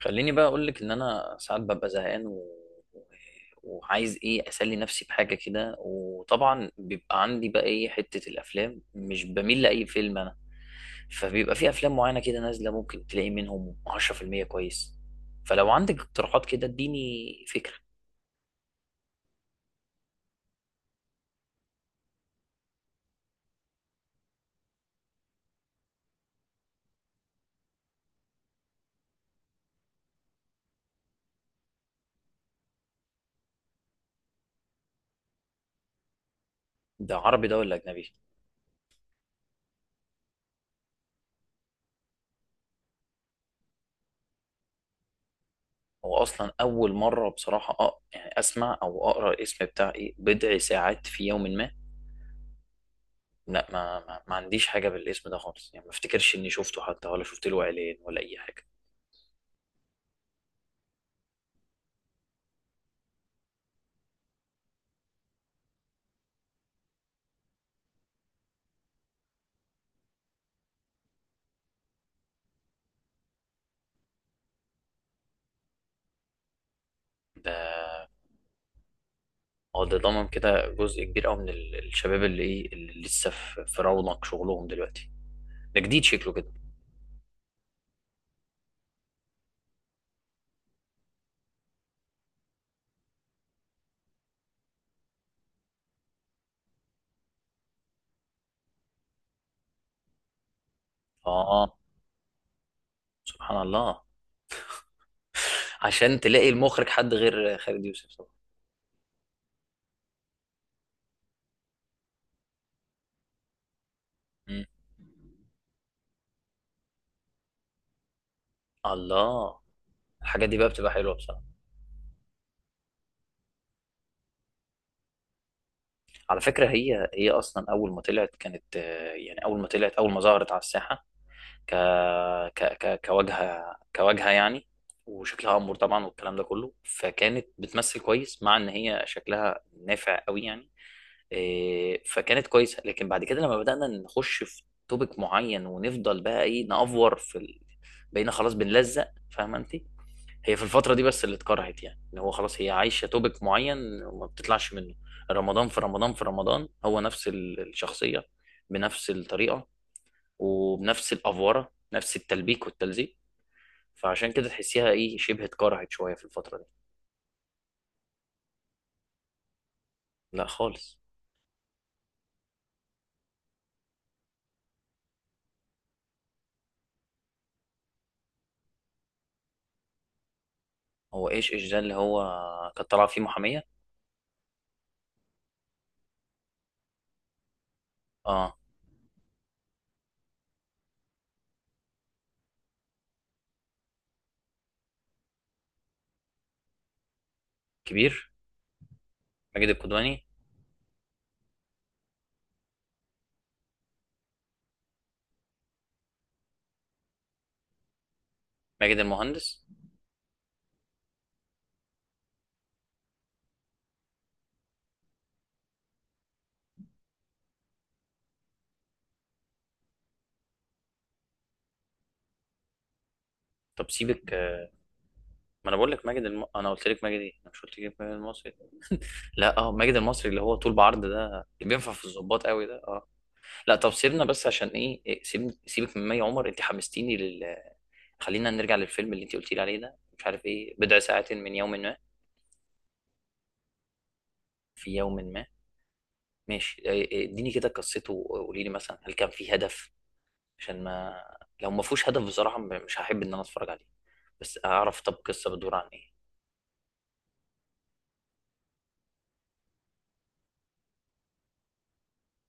خليني بقى اقول لك ان انا ساعات ببقى زهقان وعايز ايه اسلي نفسي بحاجه كده، وطبعا بيبقى عندي بقى ايه حته. الافلام مش بميل لاي فيلم انا، فبيبقى في افلام معينه كده نازله ممكن تلاقي منهم 10% كويس. فلو عندك اقتراحات كده اديني فكره. ده عربي ده ولا اجنبي؟ هو اصلا اول مره بصراحه يعني اسمع او اقرا الاسم بتاع ايه بضع ساعات في يوم ما. لا ما عنديش حاجة بالاسم ده خالص، يعني ما افتكرش اني شفته حتى ولا شفت له اعلان ولا اي حاجة. ده هو ده ضمن كده جزء كبير قوي من الشباب اللي ايه اللي لسه في رونق شغلهم دلوقتي. ده جديد شكله كده. اه آه، سبحان الله. عشان تلاقي المخرج حد غير خالد يوسف طبعا. مم. الله. الحاجات دي بقى بتبقى حلوة بصراحة. على فكرة هي اصلا اول ما طلعت كانت آه، يعني اول ما ظهرت على الساحة ك... كواجهة، كواجهة يعني. وشكلها أمور طبعا والكلام ده كله، فكانت بتمثل كويس مع إن هي شكلها نافع قوي يعني. إيه، فكانت كويسة. لكن بعد كده لما بدأنا نخش في توبيك معين ونفضل بقى إيه نأفور في بقينا خلاص بنلزق، فاهمة أنت؟ هي في الفترة دي بس اللي اتكرهت، يعني إن هو خلاص هي عايشة توبيك معين وما بتطلعش منه. رمضان في رمضان في رمضان هو نفس الشخصية، بنفس الطريقة، وبنفس الافوره، نفس التلبيك والتلزيق. فعشان كده تحسيها ايه شبه اتكرهت شويه في الفتره دي. لا خالص. هو ايش ايش ده اللي هو كانت طالعه فيه محاميه؟ اه كبير. ماجد الكدواني. ماجد المهندس. طب سيبك آه، ما انا بقول لك ماجد انا قلت لك ماجد ايه، انا مش قلت لك ماجد المصري. لا اه ماجد المصري اللي هو طول بعرض ده، اللي بينفع في الظباط قوي ده اه. لا طب سيبنا بس عشان ايه إيه، سيبك من مي عمر، انت حمستيني خلينا نرجع للفيلم اللي انت قلتي لي عليه ده، مش عارف ايه بضع ساعات من يوم ما. في يوم ما. ماشي إيه، اديني كده قصته وقولي لي مثلا هل كان فيه هدف؟ عشان ما، لو ما فيهوش هدف بصراحة مش هحب ان انا اتفرج عليه. بس اعرف طب القصة بتدور عن ايه.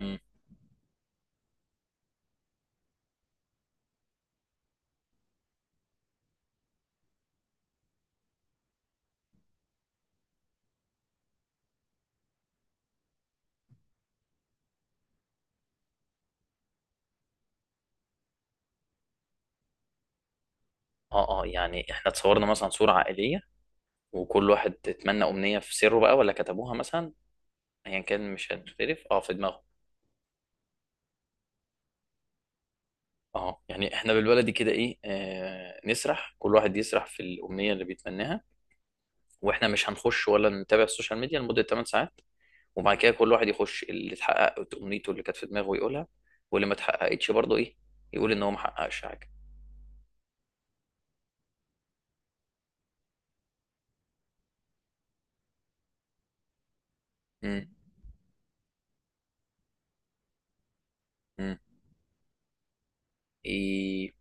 مم. اه اه، يعني احنا اتصورنا مثلا صورة عائلية وكل واحد اتمنى امنية في سره بقى ولا كتبوها مثلا. ايا كان مش هنختلف، اه في دماغه. اه يعني احنا بالبلدي كده ايه آه نسرح، كل واحد يسرح في الامنية اللي بيتمناها، واحنا مش هنخش ولا نتابع السوشيال ميديا لمدة 8 ساعات. وبعد كده كل واحد يخش اللي اتحقق امنيته اللي كانت في دماغه يقولها، واللي ما اتحققتش برضه ايه، يقول ان هو ما حققش حاجه. امم. امم. ايه.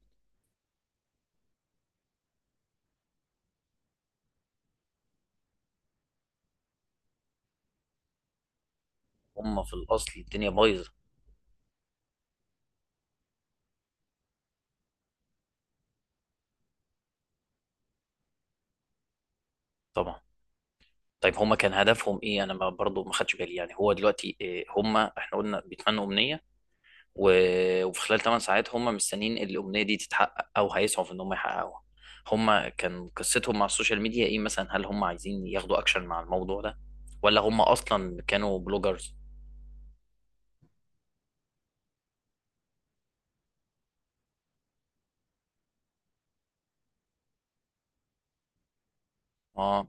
هم في الاصل الدنيا بايظه. طبعا. طيب هم كان هدفهم ايه؟ انا ما- برضه ما خدش بالي، يعني هو دلوقتي إيه، هم احنا قلنا بيتمنوا امنيه وفي خلال 8 ساعات هم مستنيين الامنيه دي تتحقق او هيسعوا في ان هم يحققوها. هم كان قصتهم مع السوشيال ميديا ايه مثلا؟ هل هم عايزين ياخدوا اكشن مع الموضوع ده، ولا هم اصلا كانوا بلوجرز؟ اه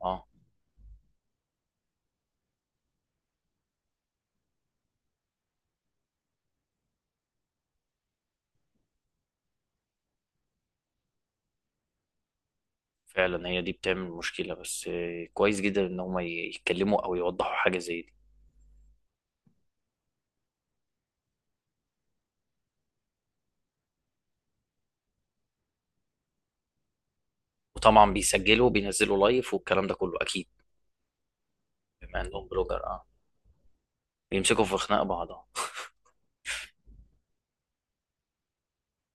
اه. فعلا هي دي بتعمل مشكلة، بس آه، كويس جدا ان هم يتكلموا او يوضحوا حاجة زي دي. وطبعا بيسجلوا بينزلوا لايف والكلام ده كله اكيد. بما انهم بلوجر اه. بيمسكوا في خناق بعض آه.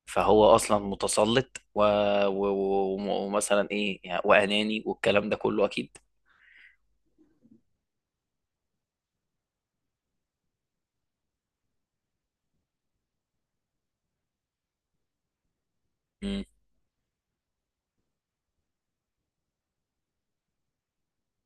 فهو اصلا متسلط و... ومثلا ايه يعني واناني والكلام ده كله اكيد.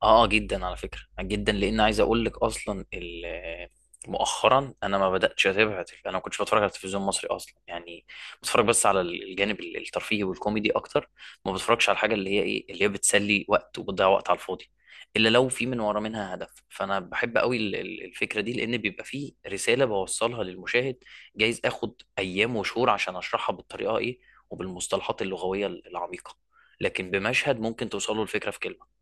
اه جدا، على فكرة جدا، لان عايز اقول لك اصلا مؤخرا، انا ما انا ما كنتش بتفرج على التلفزيون المصري اصلا يعني. بتفرج بس على الجانب الترفيهي والكوميدي اكتر، ما بتفرجش على الحاجه اللي هي ايه، اللي هي بتسلي وقت وبتضيع وقت على الفاضي. الا لو في من ورا منها هدف، فانا بحب قوي الفكره دي لان بيبقى فيه رساله بوصلها للمشاهد. جايز اخد ايام وشهور عشان اشرحها بالطريقه ايه وبالمصطلحات اللغويه العميقه، لكن بمشهد ممكن توصله الفكره في كلمه.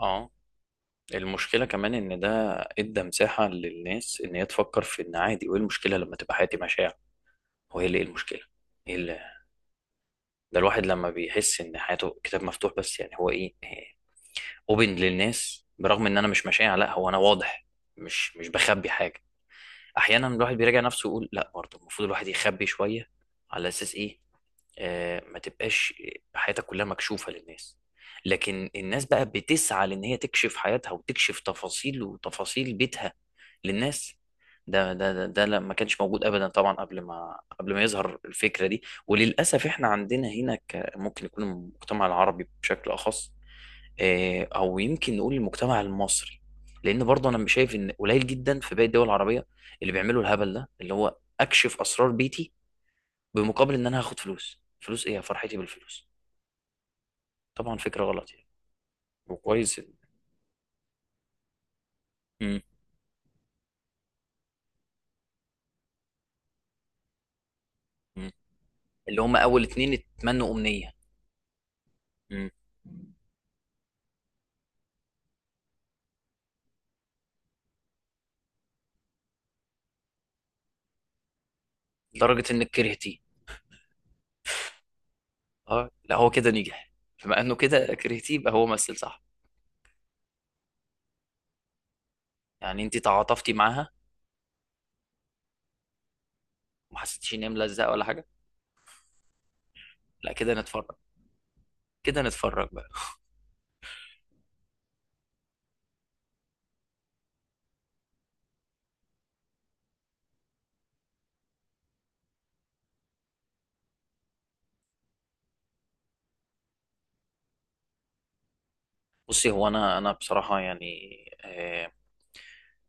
اه. المشكلة كمان إن ده إدى مساحة للناس إن هي تفكر في إن عادي، وإيه المشكلة لما تبقى حياتي مشاع؟ هو إيه اللي، إيه المشكلة؟ إيه اللي، ده الواحد لما بيحس إن حياته كتاب مفتوح بس، يعني هو إيه، أوبن للناس، برغم إن أنا مش مشاع، لا هو أنا واضح، مش بخبي حاجة. أحيانا الواحد بيراجع نفسه ويقول لا برضه المفروض الواحد يخبي شوية. على أساس إيه؟ آه، ما تبقاش حياتك كلها مكشوفة للناس. لكن الناس بقى بتسعى لان هي تكشف حياتها وتكشف تفاصيل وتفاصيل بيتها للناس. ده ما كانش موجود ابدا طبعا قبل ما يظهر الفكرة دي. وللاسف احنا عندنا هنا ممكن يكون المجتمع العربي بشكل اخص آه، او يمكن نقول المجتمع المصري. لان برضه انا مش شايف، ان قليل جدا في باقي الدول العربية اللي بيعملوا الهبل ده اللي هو اكشف اسرار بيتي بمقابل ان انا هاخد فلوس. ايه فرحتي بالفلوس؟ طبعا فكره غلط يعني. وكويس. مم. مم. اللي هم اول اتنين اتمنوا امنيه. مم. لدرجه انك كرهتيه. اه لا هو كده نجح، بما انه كده كرهتيه يبقى هو مثل صح. يعني انت تعاطفتي معاها؟ وما حسيتيش ان هي ملزقه ولا حاجه؟ لا كده نتفرج، كده نتفرج بقى. بصي هو انا بصراحه يعني آه،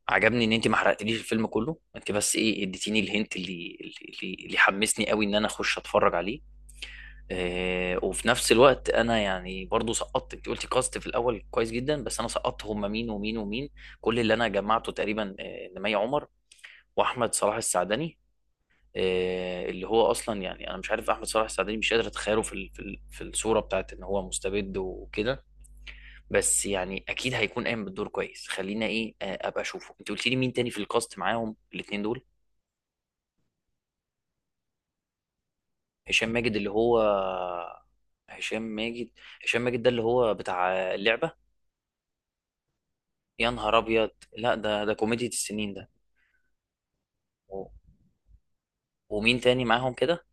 عجبني ان انت ما حرقتليش الفيلم كله، انت بس ايه اديتيني الهنت اللي حمسني قوي ان انا اخش اتفرج عليه. آه، وفي نفس الوقت انا يعني برضو سقطت، انت قلتي كاست في الاول كويس جدا بس انا سقطت هم مين ومين ومين. كل اللي انا جمعته تقريبا آه، نمية عمر واحمد صلاح السعدني. آه، اللي هو اصلا يعني انا مش عارف، احمد صلاح السعدني مش قادر اتخيله في الصوره بتاعت ان هو مستبد وكده، بس يعني اكيد هيكون قايم بالدور كويس. خلينا ايه آه، ابقى اشوفه. انت قلتي لي مين تاني في الكاست معاهم الاثنين دول؟ هشام ماجد اللي هو هشام ماجد، هشام ماجد ده اللي هو بتاع اللعبه. يا نهار ابيض، لا ده ده كوميديا السنين ده. و- ومين تاني معاهم كده؟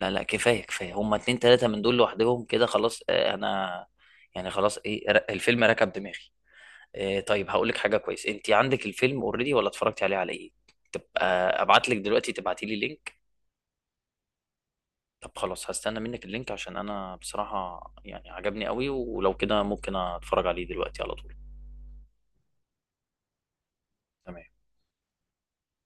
لا لا، كفايه كفايه، هما اتنين تلاته من دول لوحدهم كده خلاص آه، انا يعني خلاص ايه الفيلم ركب دماغي. آه، طيب هقول لك حاجه كويس، انت عندك الفيلم اوريدي ولا اتفرجتي عليه على ايه؟ تبقى ابعت لك دلوقتي، تبعتي لي لينك. طب خلاص هستنى منك اللينك، عشان انا بصراحه يعني عجبني قوي ولو كده ممكن اتفرج عليه دلوقتي على طول. تمام.